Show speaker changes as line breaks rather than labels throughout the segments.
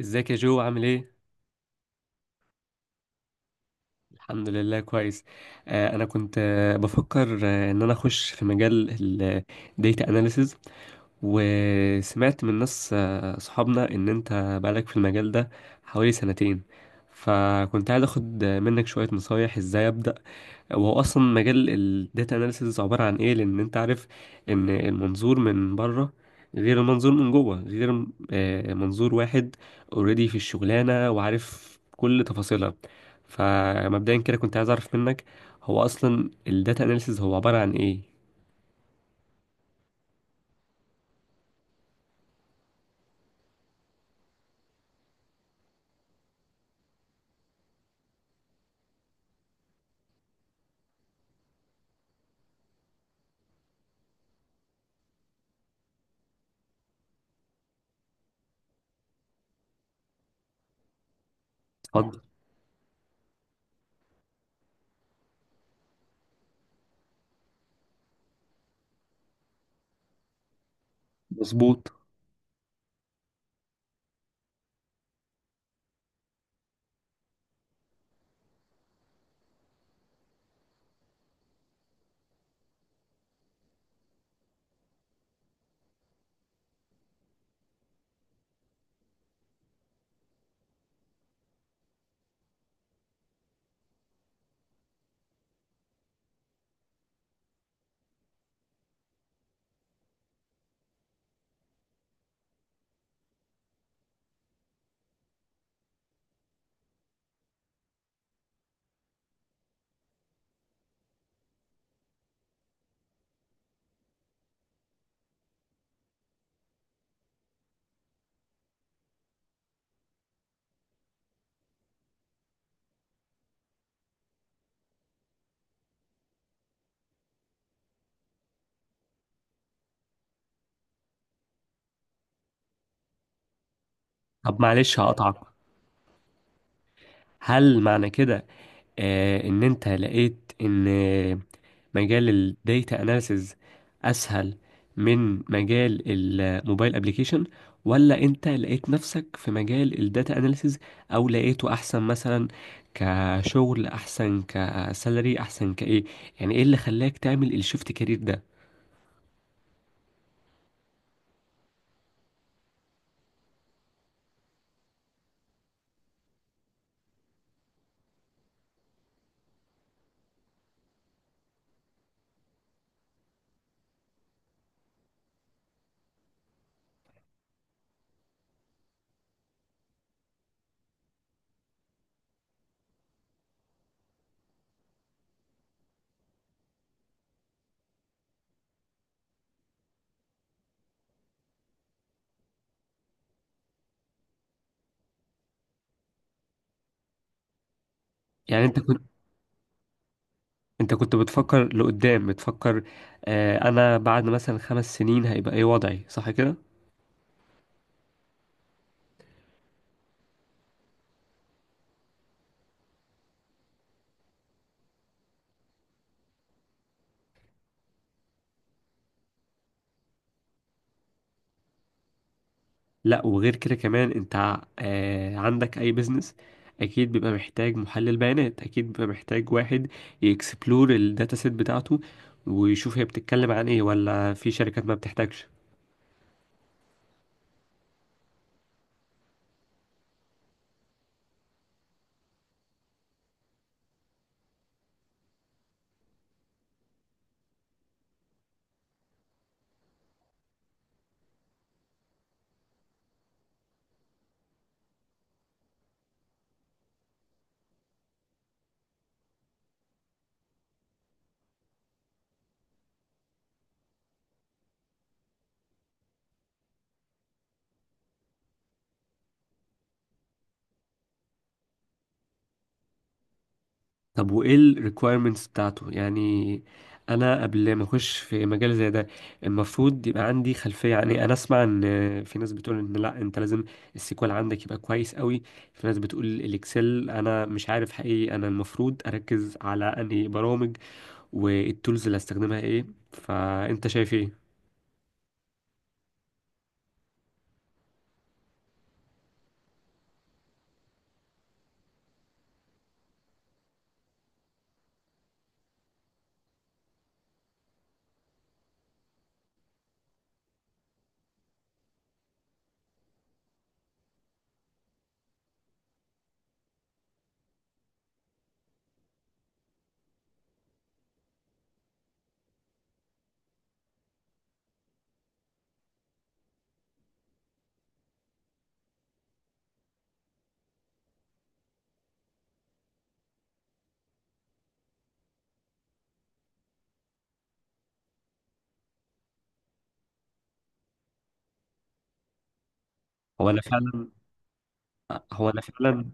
ازيك يا جو عامل ايه؟ الحمد لله كويس. انا كنت بفكر ان انا اخش في مجال الديتا اناليسز. وسمعت من ناس صحابنا ان انت بقالك في المجال ده حوالي سنتين، فكنت عايز اخد منك شوية نصايح ازاي ابدأ، وهو اصلا مجال الداتا اناليسز عباره عن ايه؟ لان انت عارف ان المنظور من بره غير المنظور من جوه، غير منظور واحد اوريدي في الشغلانه وعارف كل تفاصيلها. فمبدئيا كده كنت عايز اعرف منك، هو اصلا الداتا اناليسز هو عباره عن ايه؟ اتفضل. مظبوط. طب معلش هقطعك، هل معنى كده ان انت لقيت ان مجال الديتا اناليسز اسهل من مجال الموبايل ابليكيشن، ولا انت لقيت نفسك في مجال الداتا اناليسز او لقيته احسن مثلا، كشغل احسن، كسالري احسن، كايه؟ يعني ايه اللي خلاك تعمل الشيفت كارير ده؟ يعني انت كنت، انت كنت بتفكر لقدام، بتفكر انا بعد مثلا خمس سنين هيبقى ايه وضعي، صح كده؟ لا، وغير كده كمان انت عندك اي بيزنس اكيد بيبقى محتاج محلل بيانات، اكيد بيبقى محتاج واحد يكسبلور الداتا سيت بتاعته ويشوف هي بتتكلم عن ايه، ولا في شركات ما بتحتاجش؟ طب وايه الريكويرمنتس بتاعته يعني؟ انا قبل ما اخش في مجال زي ده المفروض يبقى عندي خلفيه. يعني انا اسمع ان في ناس بتقول ان لا انت لازم السيكوال عندك يبقى كويس قوي، في ناس بتقول الاكسل، انا مش عارف حقيقي انا المفروض اركز على انهي برامج، والتولز اللي هستخدمها ايه، فانت شايف ايه؟ هو انا فعلا هو انا فعلا،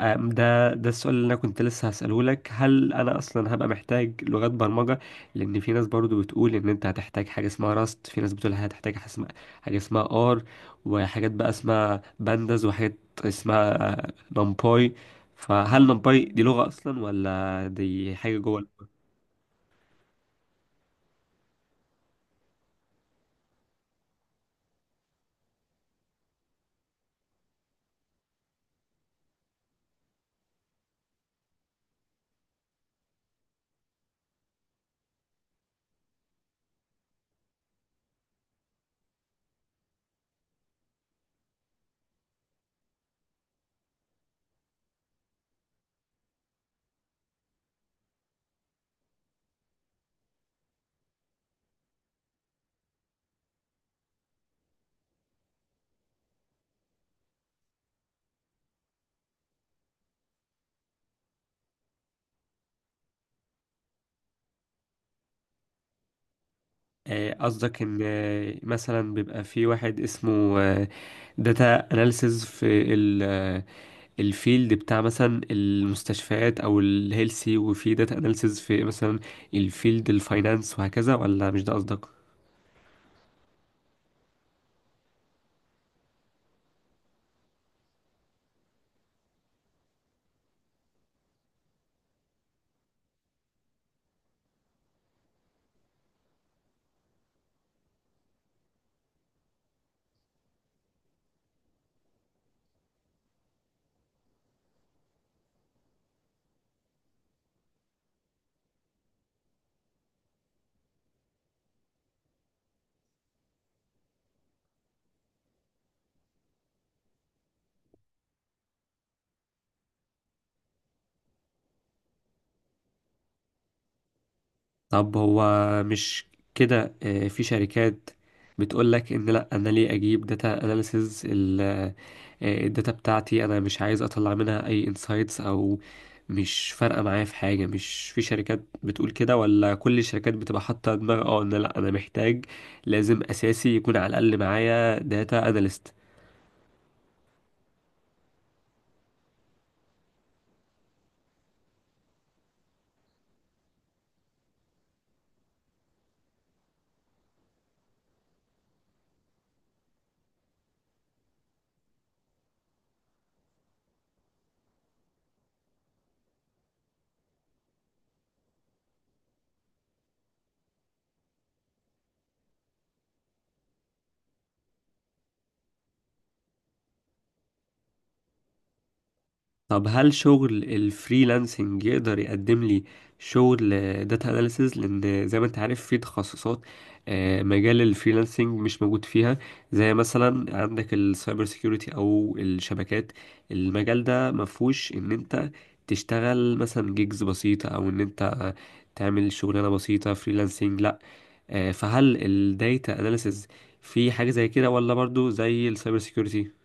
ده السؤال اللي انا كنت لسه هسأله لك، هل انا اصلا هبقى محتاج لغات برمجة؟ لان في ناس برضو بتقول ان انت هتحتاج حاجة اسمها راست، في ناس بتقول هتحتاج حاجة اسمها ار، وحاجات بقى اسمها بانداز، وحاجات اسمها نمباي. فهل نمباي دي لغة اصلا ولا دي حاجة جوه؟ قصدك ان مثلا بيبقى في واحد اسمه داتا اناليسز في الفيلد بتاع مثلا المستشفيات او الهيلسي، وفي داتا اناليسز في مثلا الفيلد الفاينانس، وهكذا؟ ولا مش ده قصدك؟ طب هو مش كده في شركات بتقول لك ان لا انا ليه اجيب داتا اناليسز، الداتا بتاعتي انا مش عايز اطلع منها اي انسايتس او مش فارقه معايا في حاجه؟ مش في شركات بتقول كده؟ ولا كل الشركات بتبقى حاطه دماغ اه ان لا انا محتاج لازم اساسي يكون على الاقل معايا داتا اناليست؟ طب هل شغل الفريلانسنج يقدر يقدم لي شغل داتا اناليسز؟ لان زي ما انت عارف في تخصصات مجال الفريلانسنج مش موجود فيها، زي مثلا عندك السايبر سيكيورتي او الشبكات، المجال ده مفهوش ان انت تشتغل مثلا جيجز بسيطة او ان انت تعمل شغلانة بسيطة فريلانسنج، لا. فهل الداتا اناليسز في حاجة زي كده، ولا برضو زي السايبر سيكيورتي؟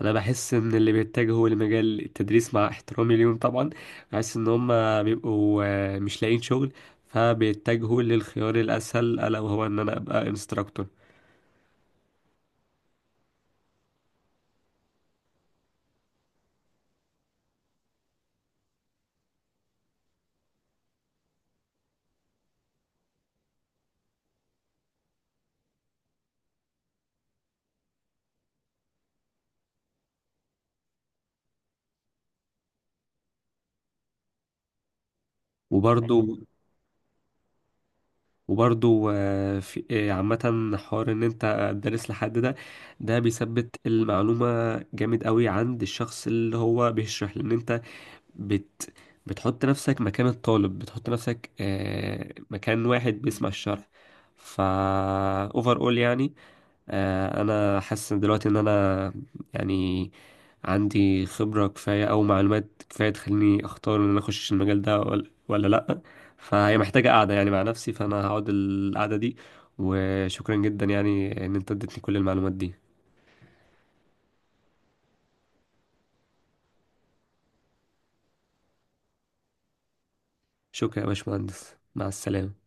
انا بحس ان اللي بيتجهوا لمجال التدريس، مع احترامي ليهم طبعا، بحس ان هم بيبقوا مش لاقيين شغل فبيتجهوا للخيار الاسهل، الا وهو ان انا ابقى انستراكتور. وبرضو وبرضو في عامة حوار ان انت تدرس لحد، ده ده بيثبت المعلومة جامد قوي عند الشخص اللي هو بيشرح، لان انت بت بتحط نفسك مكان الطالب، بتحط نفسك مكان واحد بيسمع الشرح. فا اوفر اول يعني انا حاسس إن دلوقتي ان انا يعني عندي خبرة كفاية او معلومات كفاية تخليني اختار ان انا اخش المجال ده ولا، لا. فهي محتاجة قعدة يعني مع نفسي، فانا هقعد القعدة دي. وشكرا جدا يعني ان انت اديتني كل المعلومات دي. شكرا يا باشمهندس، مع السلامة.